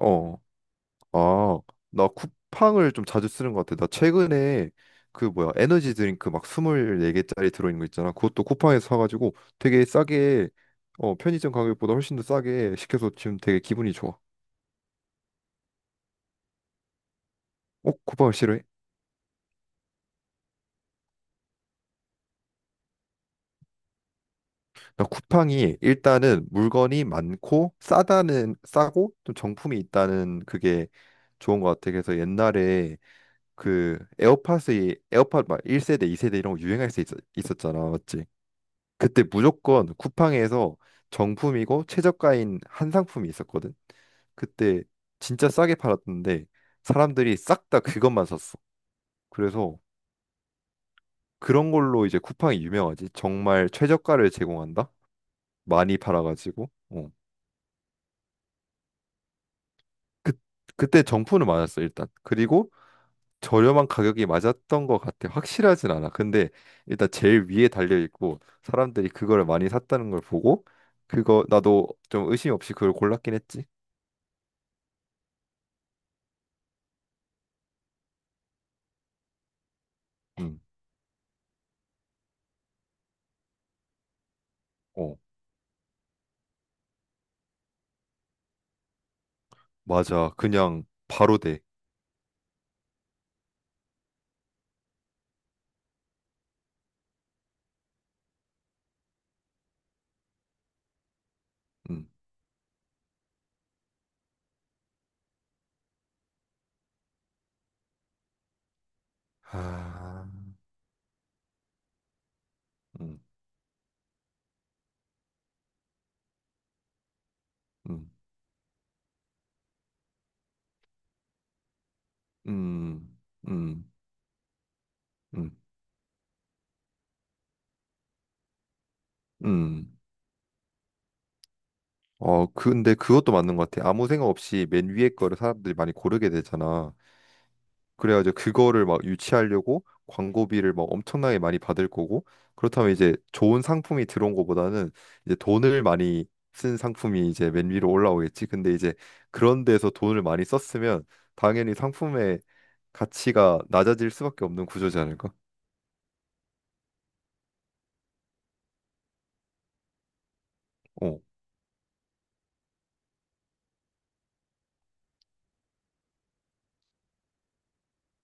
어, 아, 나 쿠팡을 좀 자주 쓰는 것 같아. 나 최근에 그 뭐야, 에너지 드링크 막 24개짜리 들어있는 거 있잖아. 그것도 쿠팡에서 사가지고 되게 싸게, 편의점 가격보다 훨씬 더 싸게 시켜서 지금 되게 기분이 좋아. 어, 쿠팡을 싫어해? 나 쿠팡이 일단은 물건이 많고 싸고 좀 정품이 있다는 그게 좋은 것 같아. 그래서 옛날에 그 에어팟 막 1세대, 2세대 이런 거 유행할 때 있었잖아. 맞지? 그때 무조건 쿠팡에서 정품이고 최저가인 한 상품이 있었거든. 그때 진짜 싸게 팔았는데 사람들이 싹 다 그것만 샀어. 그래서 그런 걸로 이제 쿠팡이 유명하지. 정말 최저가를 제공한다. 많이 팔아가지고. 어. 그 그때 정품은 많았어 일단. 그리고 저렴한 가격이 맞았던 것 같아. 확실하진 않아. 근데 일단 제일 위에 달려 있고 사람들이 그걸 많이 샀다는 걸 보고 그거 나도 좀 의심 없이 그걸 골랐긴 했지. 음. 어. 맞아. 그냥 바로 돼. 음, 아, 음, 음, 음, 음, 음, 음. 어, 근데 그것도 맞는 것 같아. 아무 생각 없이 맨 위에 거를 사람들이 많이 고르게 되잖아. 그래가지고 그거를 막 유치하려고 광고비를 막 엄청나게 많이 받을 거고, 그렇다면 이제 좋은 상품이 들어온 것보다는 이제 돈을 많이 쓴 상품이 이제 맨 위로 올라오겠지. 근데 이제 그런 데서 돈을 많이 썼으면 당연히 상품의 가치가 낮아질 수밖에 없는 구조지 않을까? 어,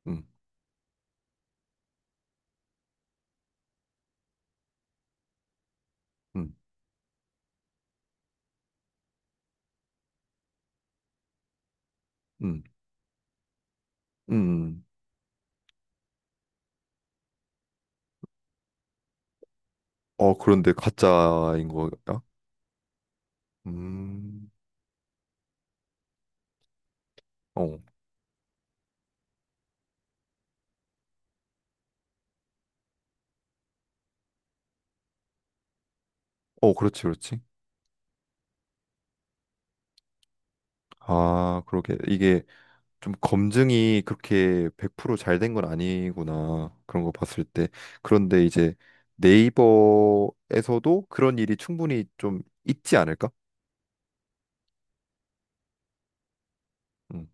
음, 음, 음, 음. 어, 그런데 가짜인 거야? 음, 어, 어, 그렇지, 그렇지. 아, 그러게. 이게 좀 검증이 그렇게 100%잘 된 건 아니구나. 그런 거 봤을 때. 그런데 이제 네이버에서도 그런 일이 충분히 좀 있지 않을까? 음,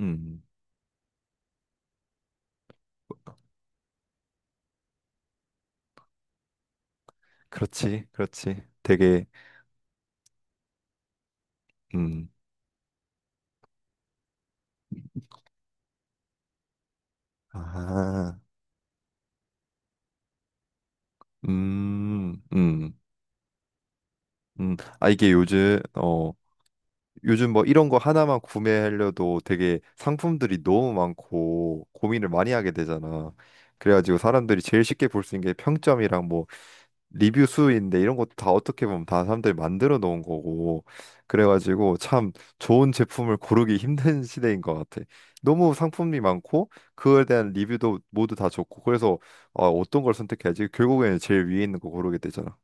음, 음. 그렇지, 그렇지. 되게, 음, 아, 음, 음, 아, 이게 요즘 뭐 이런 거 하나만 구매하려도 되게 상품들이 너무 많고 고민을 많이 하게 되잖아. 그래가지고 사람들이 제일 쉽게 볼 수 있는 게 평점이랑 뭐 리뷰 수인데 이런 것도 다 어떻게 보면 다 사람들이 만들어 놓은 거고. 그래가지고 참 좋은 제품을 고르기 힘든 시대인 것 같아. 너무 상품이 많고 그거에 대한 리뷰도 모두 다 좋고 그래서 어떤 걸 선택해야지 결국에는 제일 위에 있는 거 고르게 되잖아.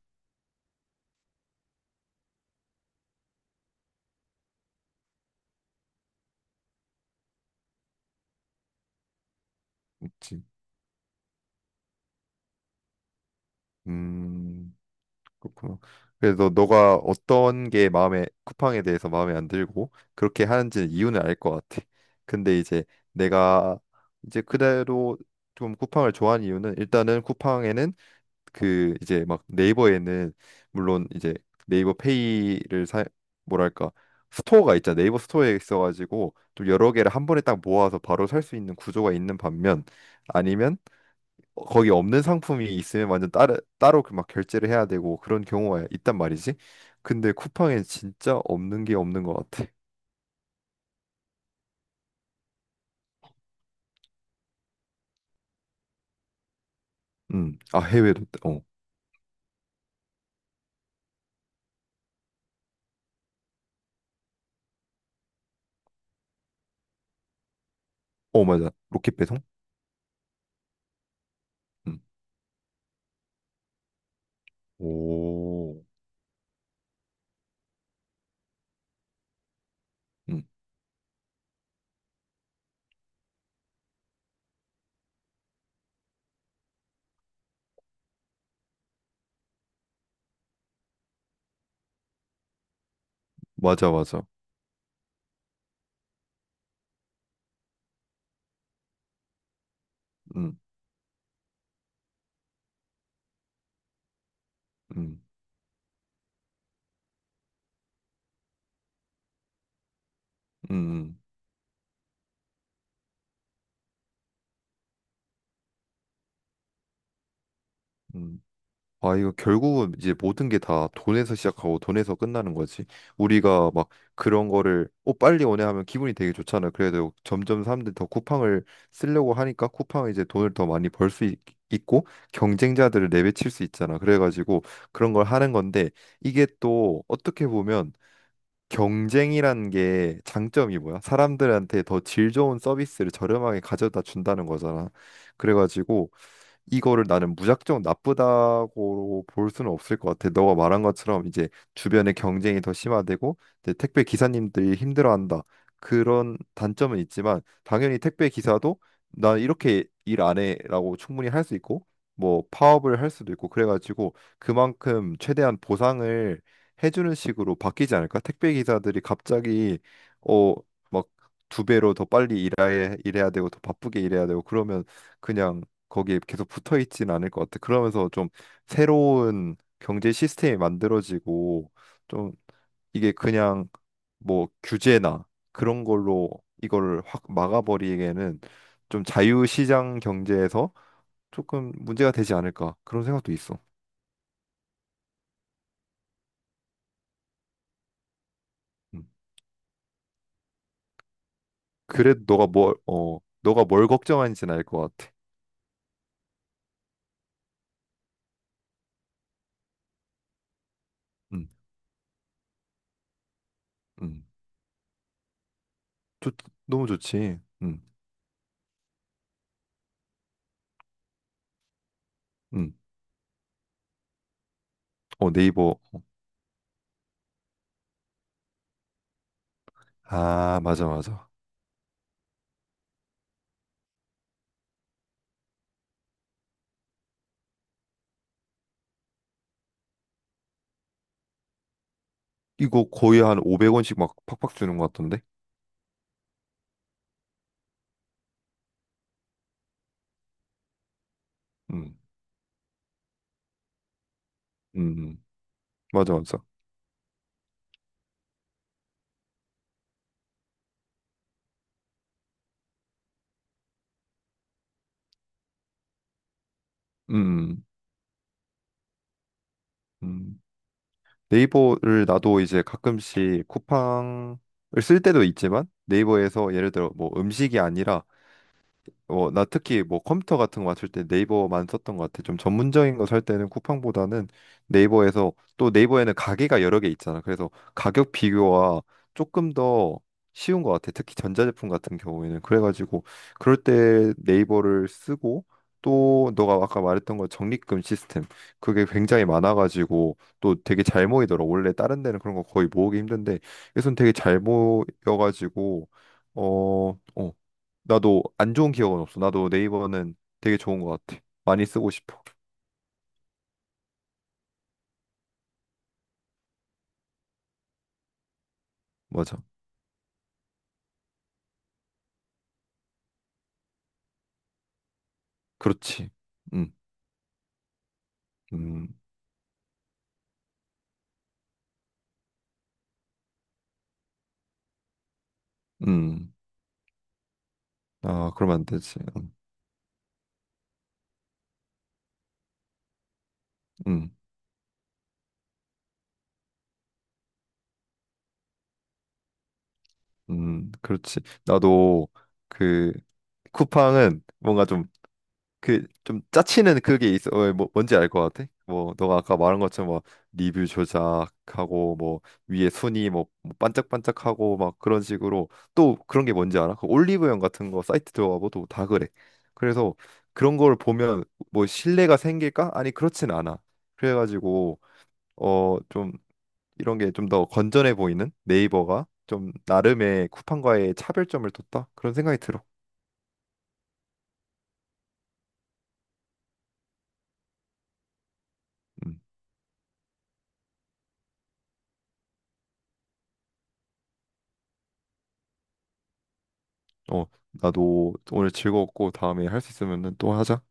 그치. 음. 그렇구나. 그래서 너가 어떤 게 마음에 쿠팡에 대해서 마음에 안 들고 그렇게 하는지는 이유는 알 것 같아. 근데 이제 내가 이제 그대로 좀 쿠팡을 좋아하는 이유는 일단은 쿠팡에는 그 이제 막 네이버에는 물론 이제 네이버 페이를 사 뭐랄까 스토어가 있잖아. 네이버 스토어에 있어가지고 좀 여러 개를 한 번에 딱 모아서 바로 살 수 있는 구조가 있는 반면 아니면 거기 없는 상품이 있으면 완전 따로 따로 그 막 결제를 해야 되고 그런 경우가 있단 말이지. 근데 쿠팡에 진짜 없는 게 없는 것 같아. 아 해외도 어, 어 맞아. 로켓 배송? 음, 오, 음, 맞아 맞아. 음, 음, 음, 음. 음. 아, 이거 결국은 이제 모든 게 다 돈에서 시작하고 돈에서 끝나는 거지. 우리가 막 그런 거를 어 빨리 오네 하면 기분이 되게 좋잖아. 그래도 점점 사람들이 더 쿠팡을 쓰려고 하니까 쿠팡은 이제 돈을 더 많이 벌 수 있고 경쟁자들을 내배칠 수 있잖아. 그래가지고 그런 걸 하는 건데 이게 또 어떻게 보면 경쟁이란 게 장점이 뭐야? 사람들한테 더 질 좋은 서비스를 저렴하게 가져다 준다는 거잖아. 그래가지고 이거를 나는 무작정 나쁘다고 볼 수는 없을 것 같아. 너가 말한 것처럼 이제 주변의 경쟁이 더 심화되고 이제 택배 기사님들이 힘들어한다. 그런 단점은 있지만 당연히 택배 기사도 난 이렇게 일 안 해라고 충분히 할 수 있고 뭐 파업을 할 수도 있고 그래가지고 그만큼 최대한 보상을 해주는 식으로 바뀌지 않을까? 택배 기사들이 갑자기 어 막 두 배로 더 빨리 일해야 되고 더 바쁘게 일해야 되고 그러면 그냥 거기에 계속 붙어 있진 않을 것 같아. 그러면서 좀 새로운 경제 시스템이 만들어지고 좀 이게 그냥 뭐 규제나 그런 걸로 이걸 확 막아버리기에는 좀 자유시장 경제에서 조금 문제가 되지 않을까 그런 생각도 있어. 음. 그래도 너가 뭘 걱정하는지는 알 것 같아. 음, 음. 좋, 너무 좋지. 음. 어, 네이버. 아, 맞아, 맞아. 이거 거의 한 500원씩 막 팍팍 주는 것 같던데. 음, 음, 음. 맞아, 맞아. 음, 음. 음. 네이버를 나도 이제 가끔씩 쿠팡을 쓸 때도 있지만 네이버에서 예를 들어 뭐 음식이 아니라 나 특히 뭐 컴퓨터 같은 거 맞출 때 네이버만 썼던 것 같아. 좀 전문적인 거 살 때는 쿠팡보다는 네이버에서 또 네이버에는 가게가 여러 개 있잖아. 그래서 가격 비교가 조금 더 쉬운 것 같아. 특히 전자제품 같은 경우에는. 그래가지고 그럴 때 네이버를 쓰고 또 너가 아까 말했던 거 적립금 시스템 그게 굉장히 많아가지고 또 되게 잘 모이더라. 원래 다른 데는 그런 거 거의 모으기 힘든데 여기선 되게 잘 모여가지고 어, 어, 나도 안 좋은 기억은 없어. 나도 네이버는 되게 좋은 것 같아. 많이 쓰고 싶어. 맞아. 그렇지. 음, 음, 음. 아, 그러면 안 되지. 음, 그렇지. 나도 그 쿠팡은 뭔가 좀 그 좀 짜치는 그게 있어. 어, 뭐 뭔지 알 것 같아? 뭐 너가 아까 말한 것처럼 뭐 리뷰 조작하고 뭐 위에 순위 뭐뭐 반짝반짝하고 막 그런 식으로 또 그런 게 뭔지 알아? 그 올리브영 같은 거 사이트 들어가봐도 다 그래. 그래서 그런 걸 보면 뭐 신뢰가 생길까? 아니 그렇진 않아. 그래가지고 좀 이런 게 좀 더 건전해 보이는 네이버가 좀 나름의 쿠팡과의 차별점을 뒀다 그런 생각이 들어. 음. 어, 나도 오늘 즐거웠고 다음에 할 수 있으면은 또 하자.